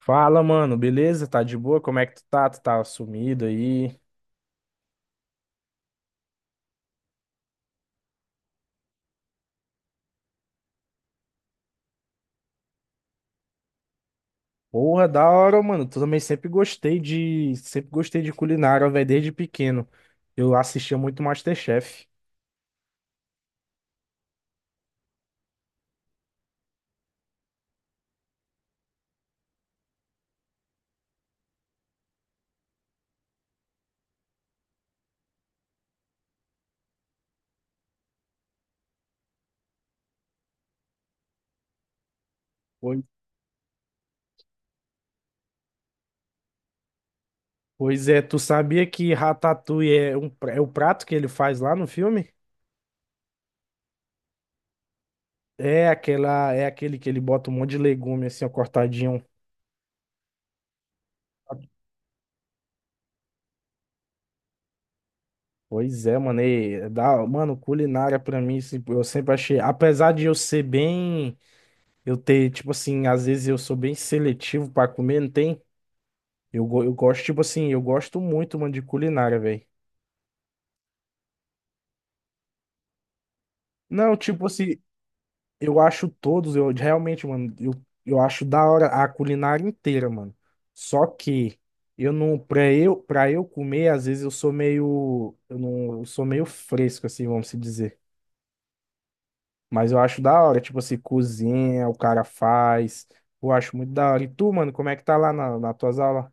Fala, mano, beleza? Tá de boa? Como é que tu tá? Tu tá sumido aí? Porra, da hora, mano. Tu também sempre gostei de culinária, velho, desde pequeno. Eu assistia muito MasterChef. Pois Pois é, tu sabia que Ratatouille é o prato que ele faz lá no filme? É aquele que ele bota um monte de legume assim, ó, cortadinho. Pois é, mano, e, é da, mano, culinária pra mim, assim, eu sempre achei, apesar de eu ser bem. Eu tenho, tipo assim, às vezes eu sou bem seletivo pra comer, não tem? Eu gosto, tipo assim, eu gosto muito, mano, de culinária, velho. Não, tipo assim, eu acho todos, eu realmente, mano, eu acho da hora a culinária inteira, mano. Só que eu não, pra eu comer, às vezes eu sou meio, eu não, eu sou meio fresco, assim, vamos se dizer. Mas eu acho da hora, tipo assim, cozinha, o cara faz. Eu acho muito da hora. E tu, mano, como é que tá lá nas tuas aulas?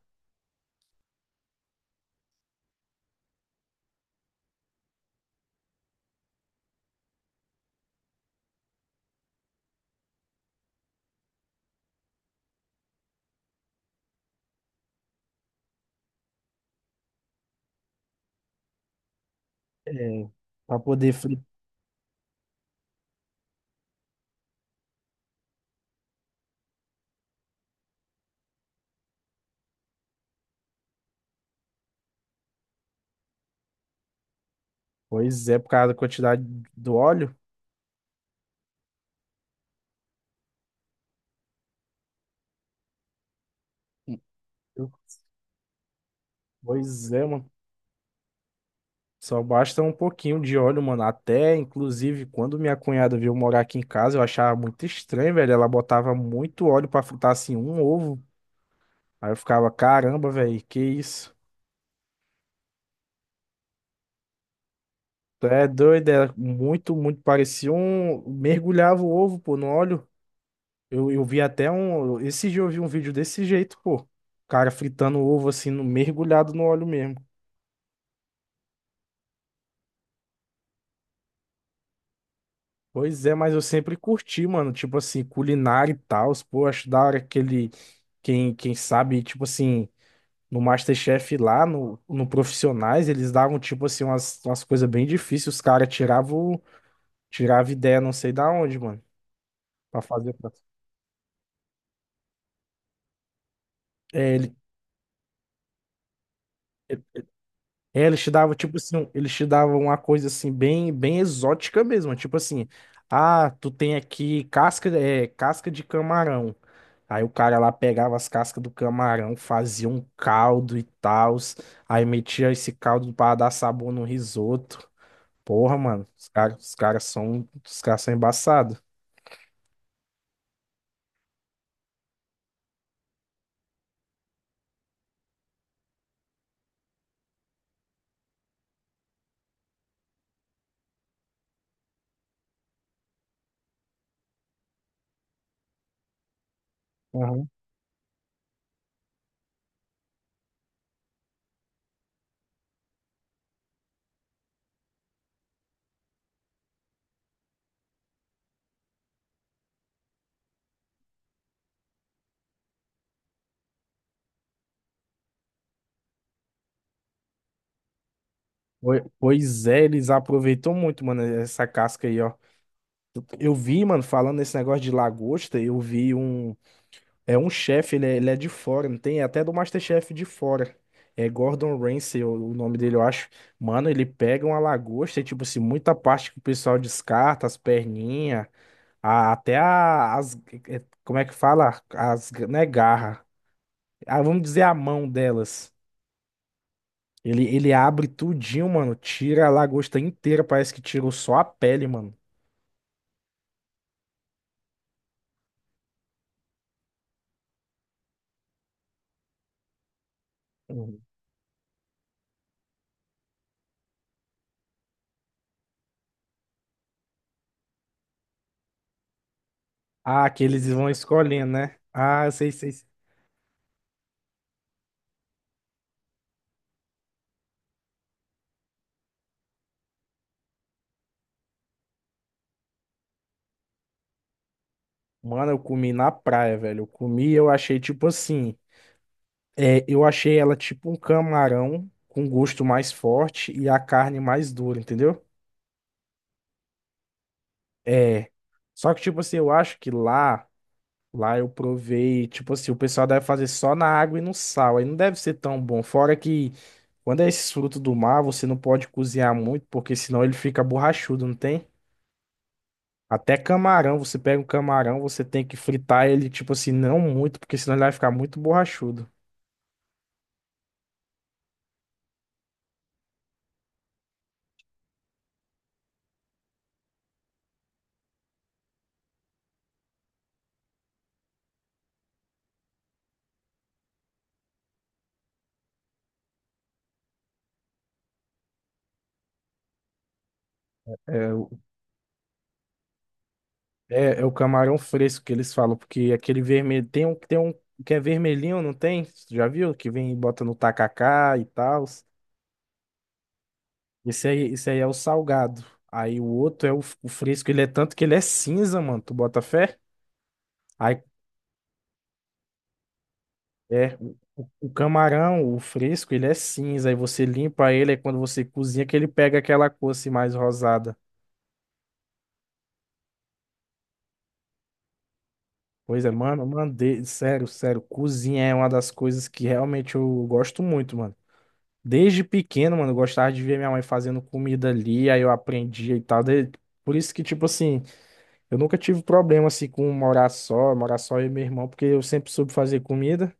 É, pra poder. Pois é, por causa da quantidade do óleo. Pois é, mano. Só basta um pouquinho de óleo, mano. Até, inclusive, quando minha cunhada veio morar aqui em casa, eu achava muito estranho, velho. Ela botava muito óleo pra fritar assim um ovo. Aí eu ficava, caramba, velho, que isso? Tu é doido, era muito, muito parecia um. Mergulhava o ovo, pô, no óleo. Eu vi até um. Esse dia eu vi um vídeo desse jeito, pô. O cara fritando o ovo assim, mergulhado no óleo mesmo. Pois é, mas eu sempre curti, mano, tipo assim, culinária e tal, pô, acho da hora aquele, quem sabe, tipo assim, no MasterChef lá, no Profissionais, eles davam, tipo assim, umas coisas bem difíceis, tiravam ideia não sei da onde, mano, pra fazer. É, ele. É, eles te davam, tipo assim, um, eles te davam uma coisa assim, bem exótica mesmo. Tipo assim, ah, tu tem aqui casca, é, casca de camarão. Aí o cara lá pegava as cascas do camarão, fazia um caldo e tal. Aí metia esse caldo pra dar sabor no risoto. Porra, mano, os caras são embaçados. Aham. Pois é, eles aproveitam muito, mano, essa casca aí, ó. Eu vi, mano, falando nesse negócio de lagosta, eu vi um. É um chefe, ele é de fora, não tem? É até do MasterChef de fora. É Gordon Ramsay, o nome dele, eu acho. Mano, ele pega uma lagosta e, tipo assim, muita parte que o pessoal descarta, as perninhas, as. É, Como é que fala? As, né, garra. Ah, vamos dizer a mão delas. Ele abre tudinho, mano. Tira a lagosta inteira, parece que tirou só a pele, mano. Uhum. Ah, que eles vão escolhendo, né? Ah, eu sei, sei, sei. Mano, eu comi na praia, velho. Eu comi e eu achei tipo assim. É, eu achei ela tipo um camarão com gosto mais forte e a carne mais dura, entendeu? É. Só que, tipo assim, eu acho que lá, lá eu provei, tipo assim, o pessoal deve fazer só na água e no sal. Aí não deve ser tão bom. Fora que quando é esses frutos do mar, você não pode cozinhar muito, porque senão ele fica borrachudo, não tem? Até camarão, você pega um camarão, você tem que fritar ele, tipo assim, não muito, porque senão ele vai ficar muito borrachudo. É. É, é o camarão fresco que eles falam, porque aquele vermelho tem um que é vermelhinho, não tem? Tu já viu? Que vem e bota no tacacá e tal. Esse aí é o salgado. Aí o outro é o fresco, ele é tanto que ele é cinza, mano. Tu bota fé? Aí é o camarão, o fresco, ele é cinza. Aí você limpa ele, aí quando você cozinha que ele pega aquela cor assim mais rosada. Pois é, mano, mandei, sério, cozinha é uma das coisas que realmente eu gosto muito, mano. Desde pequeno, mano, eu gostava de ver minha mãe fazendo comida ali, aí eu aprendia e tal. Por isso que, tipo assim, eu nunca tive problema, assim, com morar só eu e meu irmão, porque eu sempre soube fazer comida.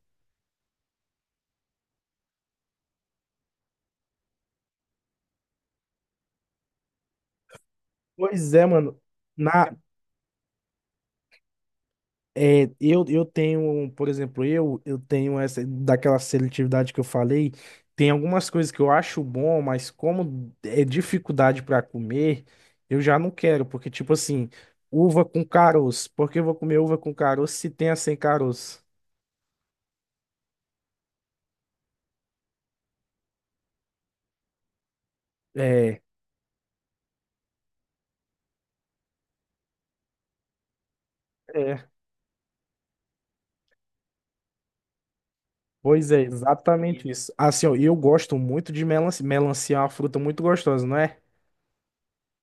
Pois é, mano. Na, é, eu tenho, por exemplo, eu tenho essa, daquela seletividade que eu falei, tem algumas coisas que eu acho bom, mas como é dificuldade para comer, eu já não quero, porque, tipo assim, uva com caroço, por que eu vou comer uva com caroço se tem a sem caroço? É, é. Pois é, exatamente isso. Assim, ó, eu gosto muito de melancia. Melancia é uma fruta muito gostosa, não é?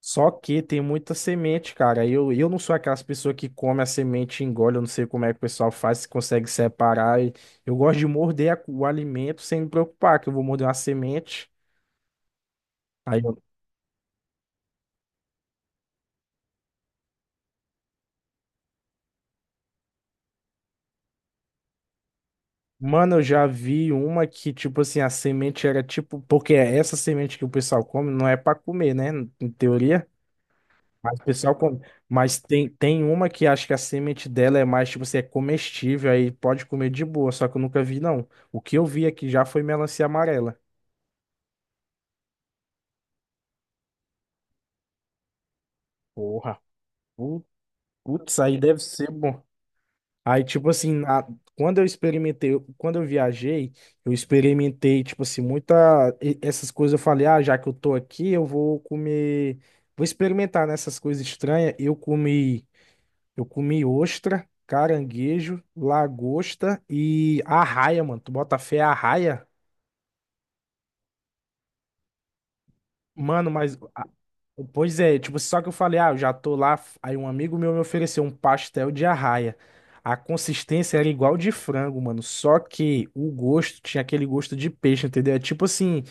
Só que tem muita semente, cara. Eu não sou aquelas pessoas que come a semente e engole. Eu não sei como é que o pessoal faz, se consegue separar. E eu gosto de morder o alimento sem me preocupar, que eu vou morder uma semente. Aí eu... Mano, eu já vi uma que, tipo assim, a semente era tipo. Porque é essa semente que o pessoal come não é pra comer, né? Em teoria. Mas o pessoal come. Mas tem, tem uma que acho que a semente dela é mais, tipo assim, é comestível, aí pode comer de boa, só que eu nunca vi, não. O que eu vi aqui já foi melancia amarela. Porra, pu- putz, aí deve ser bom. Aí, tipo assim, quando eu experimentei, quando eu viajei, eu experimentei, tipo assim, muita, essas coisas, eu falei, ah, já que eu tô aqui, eu vou comer, vou experimentar nessas coisas estranhas. Eu comi ostra, caranguejo, lagosta e arraia, mano. Tu bota fé arraia? Mano, mas. Pois é, tipo, só que eu falei, ah, eu já tô lá. Aí um amigo meu me ofereceu um pastel de arraia. A consistência era igual de frango, mano. Só que o gosto tinha aquele gosto de peixe, entendeu? É tipo assim,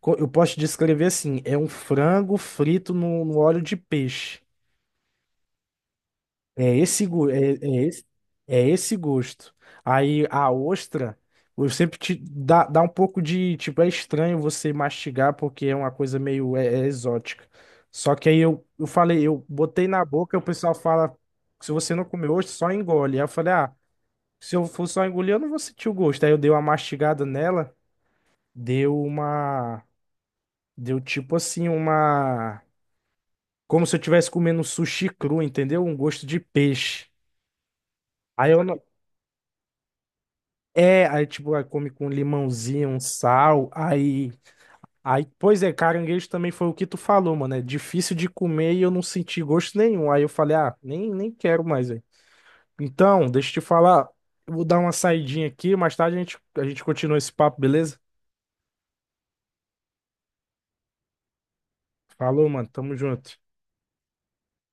eu posso te descrever assim: é um frango frito no óleo de peixe. É esse, gu- é, é esse, é esse gosto. Aí a ostra, eu sempre dá um pouco de, tipo, é estranho você mastigar porque é uma coisa meio é exótica. Só que aí eu falei, eu botei na boca, o pessoal fala, se você não comer ostra, só engole. Aí eu falei, ah, se eu for só engolir, eu não vou sentir o gosto. Aí eu dei uma mastigada nela, deu uma, deu tipo assim uma, como se eu estivesse comendo um sushi cru, entendeu? Um gosto de peixe. Aí eu, É, aí tipo, aí come com limãozinho, um sal, aí, pois é, caranguejo também foi o que tu falou, mano, é difícil de comer e eu não senti gosto nenhum, aí eu falei, ah, nem quero mais, velho. Então, deixa eu te falar, eu vou dar uma saidinha aqui, mais tarde a gente continua esse papo, beleza? Falou, mano, tamo junto.